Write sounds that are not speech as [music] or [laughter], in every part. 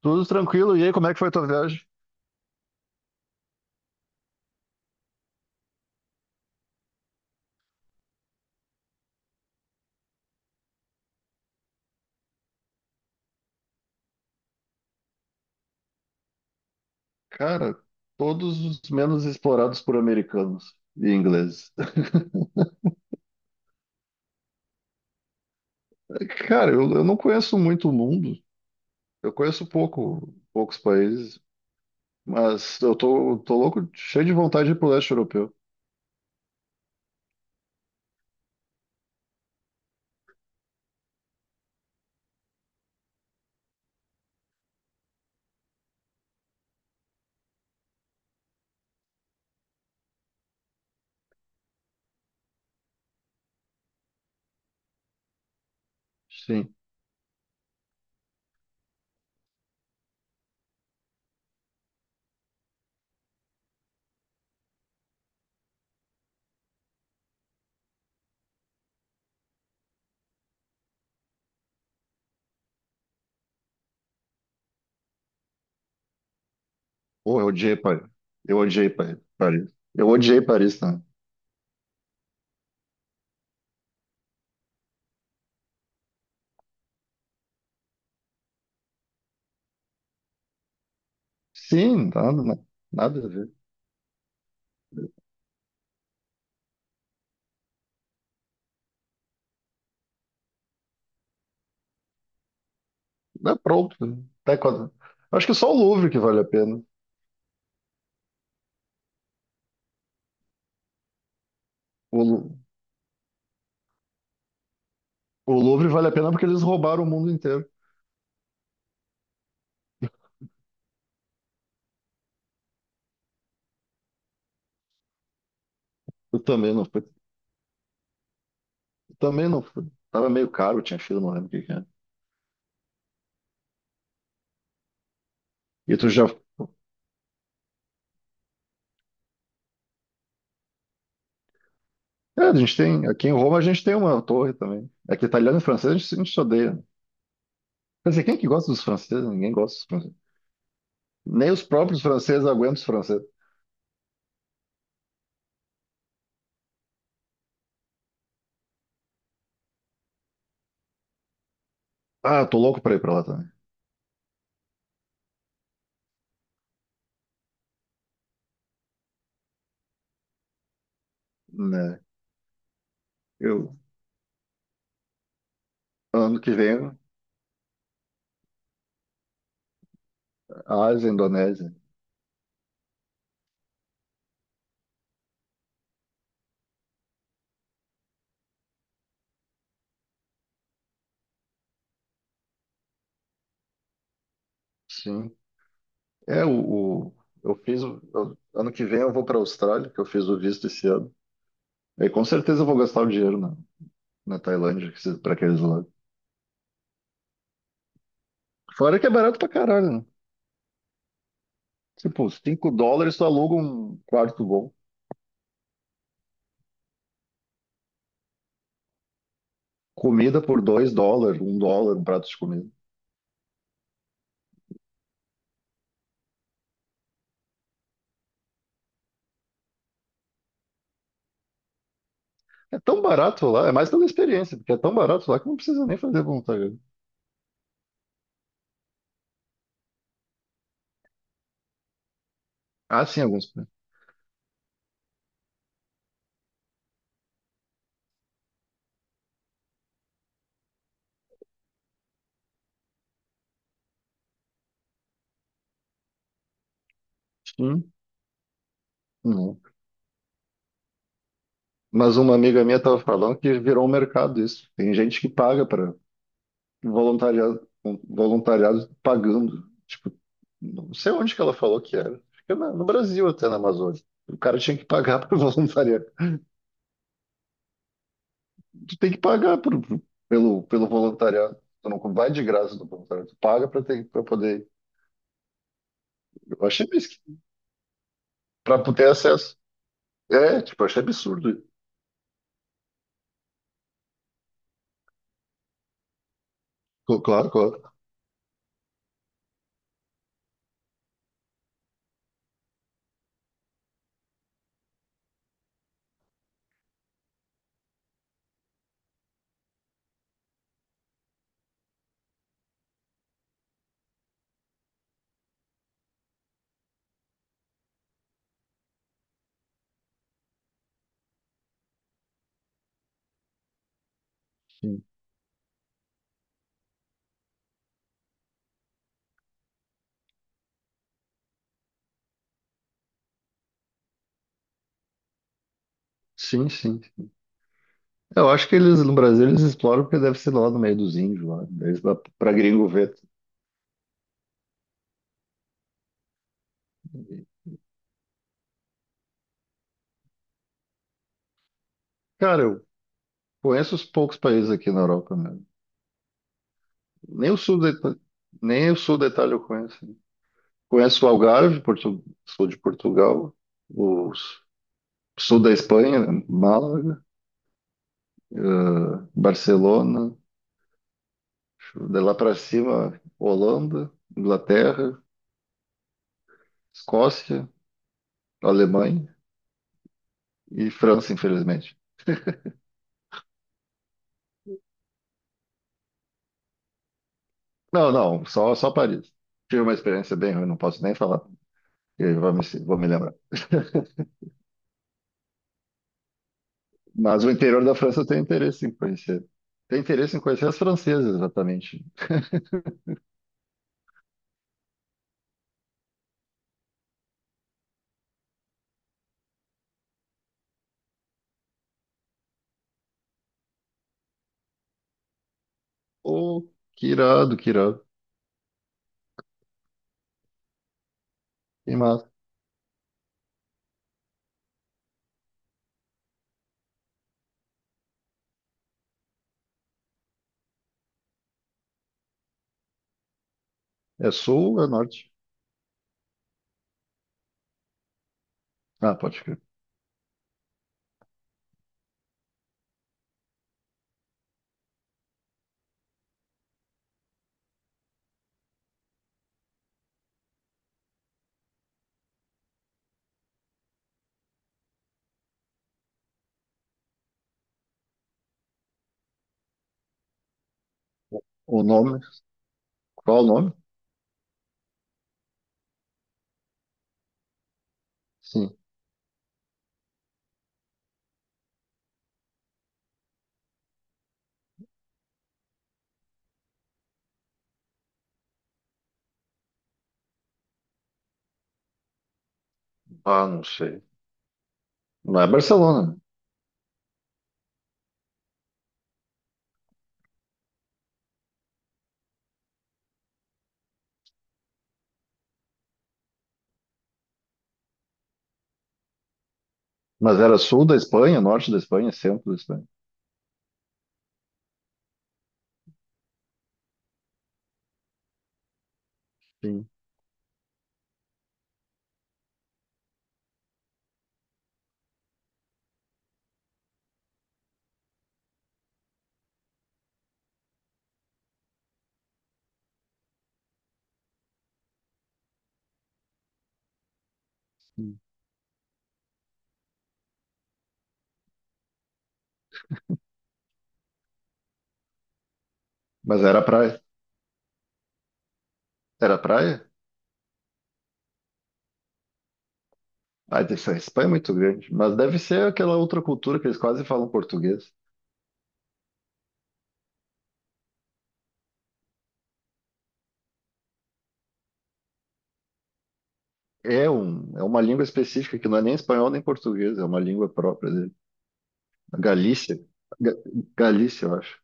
Tudo tranquilo. E aí, como é que foi a tua viagem? Cara, todos os menos explorados por americanos e ingleses. [laughs] Cara, eu não conheço muito o mundo. Eu conheço pouco, poucos países. Mas eu tô louco, cheio de vontade de ir pro leste europeu. Sim. Pô, eu odiei Paris. Eu odiei Paris. Eu odiei Paris, né? Sim, nada a ver. É pronto. Até quando... Acho que só o Louvre que vale a pena. O, Lu- o Louvre vale a pena porque eles roubaram o mundo inteiro. Eu também não. Também não. Tava meio caro, tinha fila, não lembro o que que era. E tu já. É, a gente tem. Aqui em Roma a gente tem uma torre também. É que italiano e francês a gente se odeia, né? Quer dizer, quem é que gosta dos franceses? Ninguém gosta dos franceses. Nem os próprios franceses aguentam os franceses. Ah, tô louco pra ir pra lá também. Né? Eu, ano que vem, a Ásia, a Indonésia. Sim. É, o, o- eu fiz. Ano que vem eu vou pra Austrália, que eu fiz o visto esse ano. E com certeza eu vou gastar o dinheiro na Tailândia, que pra aqueles lados. Fora que é barato pra caralho, né? Tipo, 5 dólares tu aluga um quarto bom. Comida por 2 dólares, 1 dólar, um prato de comida. É tão barato lá, é mais pela experiência, porque é tão barato lá que não precisa nem fazer voluntariado. Ah, sim, alguns, né? Sim. Não. Mas uma amiga minha estava falando que virou um mercado isso. Tem gente que paga para voluntariado, voluntariado pagando. Tipo, não sei onde que ela falou que era. Fica no Brasil até, na Amazônia. O cara tinha que pagar [laughs] para voluntariar. Tu tem que pagar pelo, pelo voluntariado. Tu não vai de graça do voluntariado, tu paga para ter, para poder. Eu achei para ter acesso. É, tipo, eu achei absurdo. Claro, claro. Sim, sim, sim. Eu acho que eles no Brasil eles exploram porque deve ser lá no meio dos índios, lá, para gringo ver. Cara, eu conheço os poucos países aqui na Europa mesmo. Nem o sul da Ita- Nem o sul da Itália eu conheço. Conheço o Algarve, sul de Portugal, o s- sul da Espanha, Málaga. Barcelona, de lá para cima, Holanda, Inglaterra, Escócia, Alemanha e França, infelizmente. Não, não, só, só Paris. Tive uma experiência bem ruim, não posso nem falar, vou me lembrar. Mas o interior da França eu tenho interesse em conhecer. Tenho interesse em conhecer as francesas, exatamente. Oh, que irado, que irado. Que massa. É sul ou é norte? Ah, pode crer. O nome? Qual o nome? Sim. Ah, não sei. Não é Barcelona. Mas era sul da Espanha, norte da Espanha, centro da Espanha. Sim, sim. Mas era praia. Era praia? Ah, essa Espanha é muito grande. Mas deve ser aquela outra cultura que eles quase falam português. É, um, é uma língua específica que não é nem espanhol nem português, é uma língua própria dele. A Galícia. Ga- Galícia, eu acho.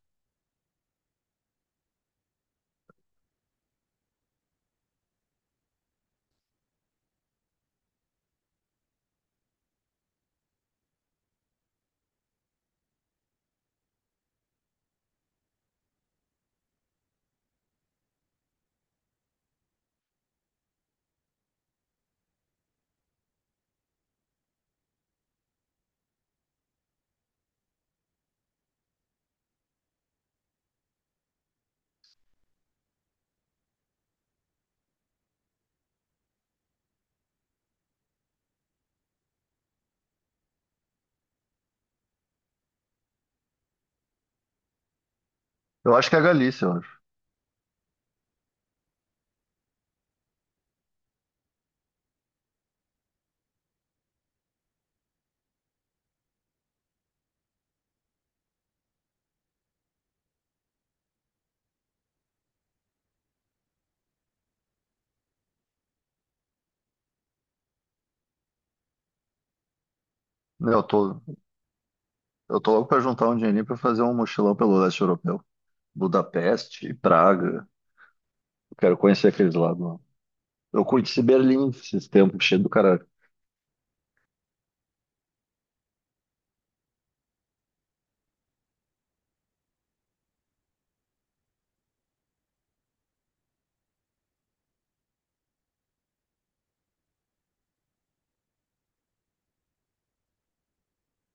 Eu acho que é a Galícia, eu acho. Meu, eu tô louco pra juntar um dinheirinho pra fazer um mochilão pelo leste europeu. Budapeste, Praga. Eu quero conhecer aqueles lados lá. Eu conheci Berlim esses tempos, cheio do cara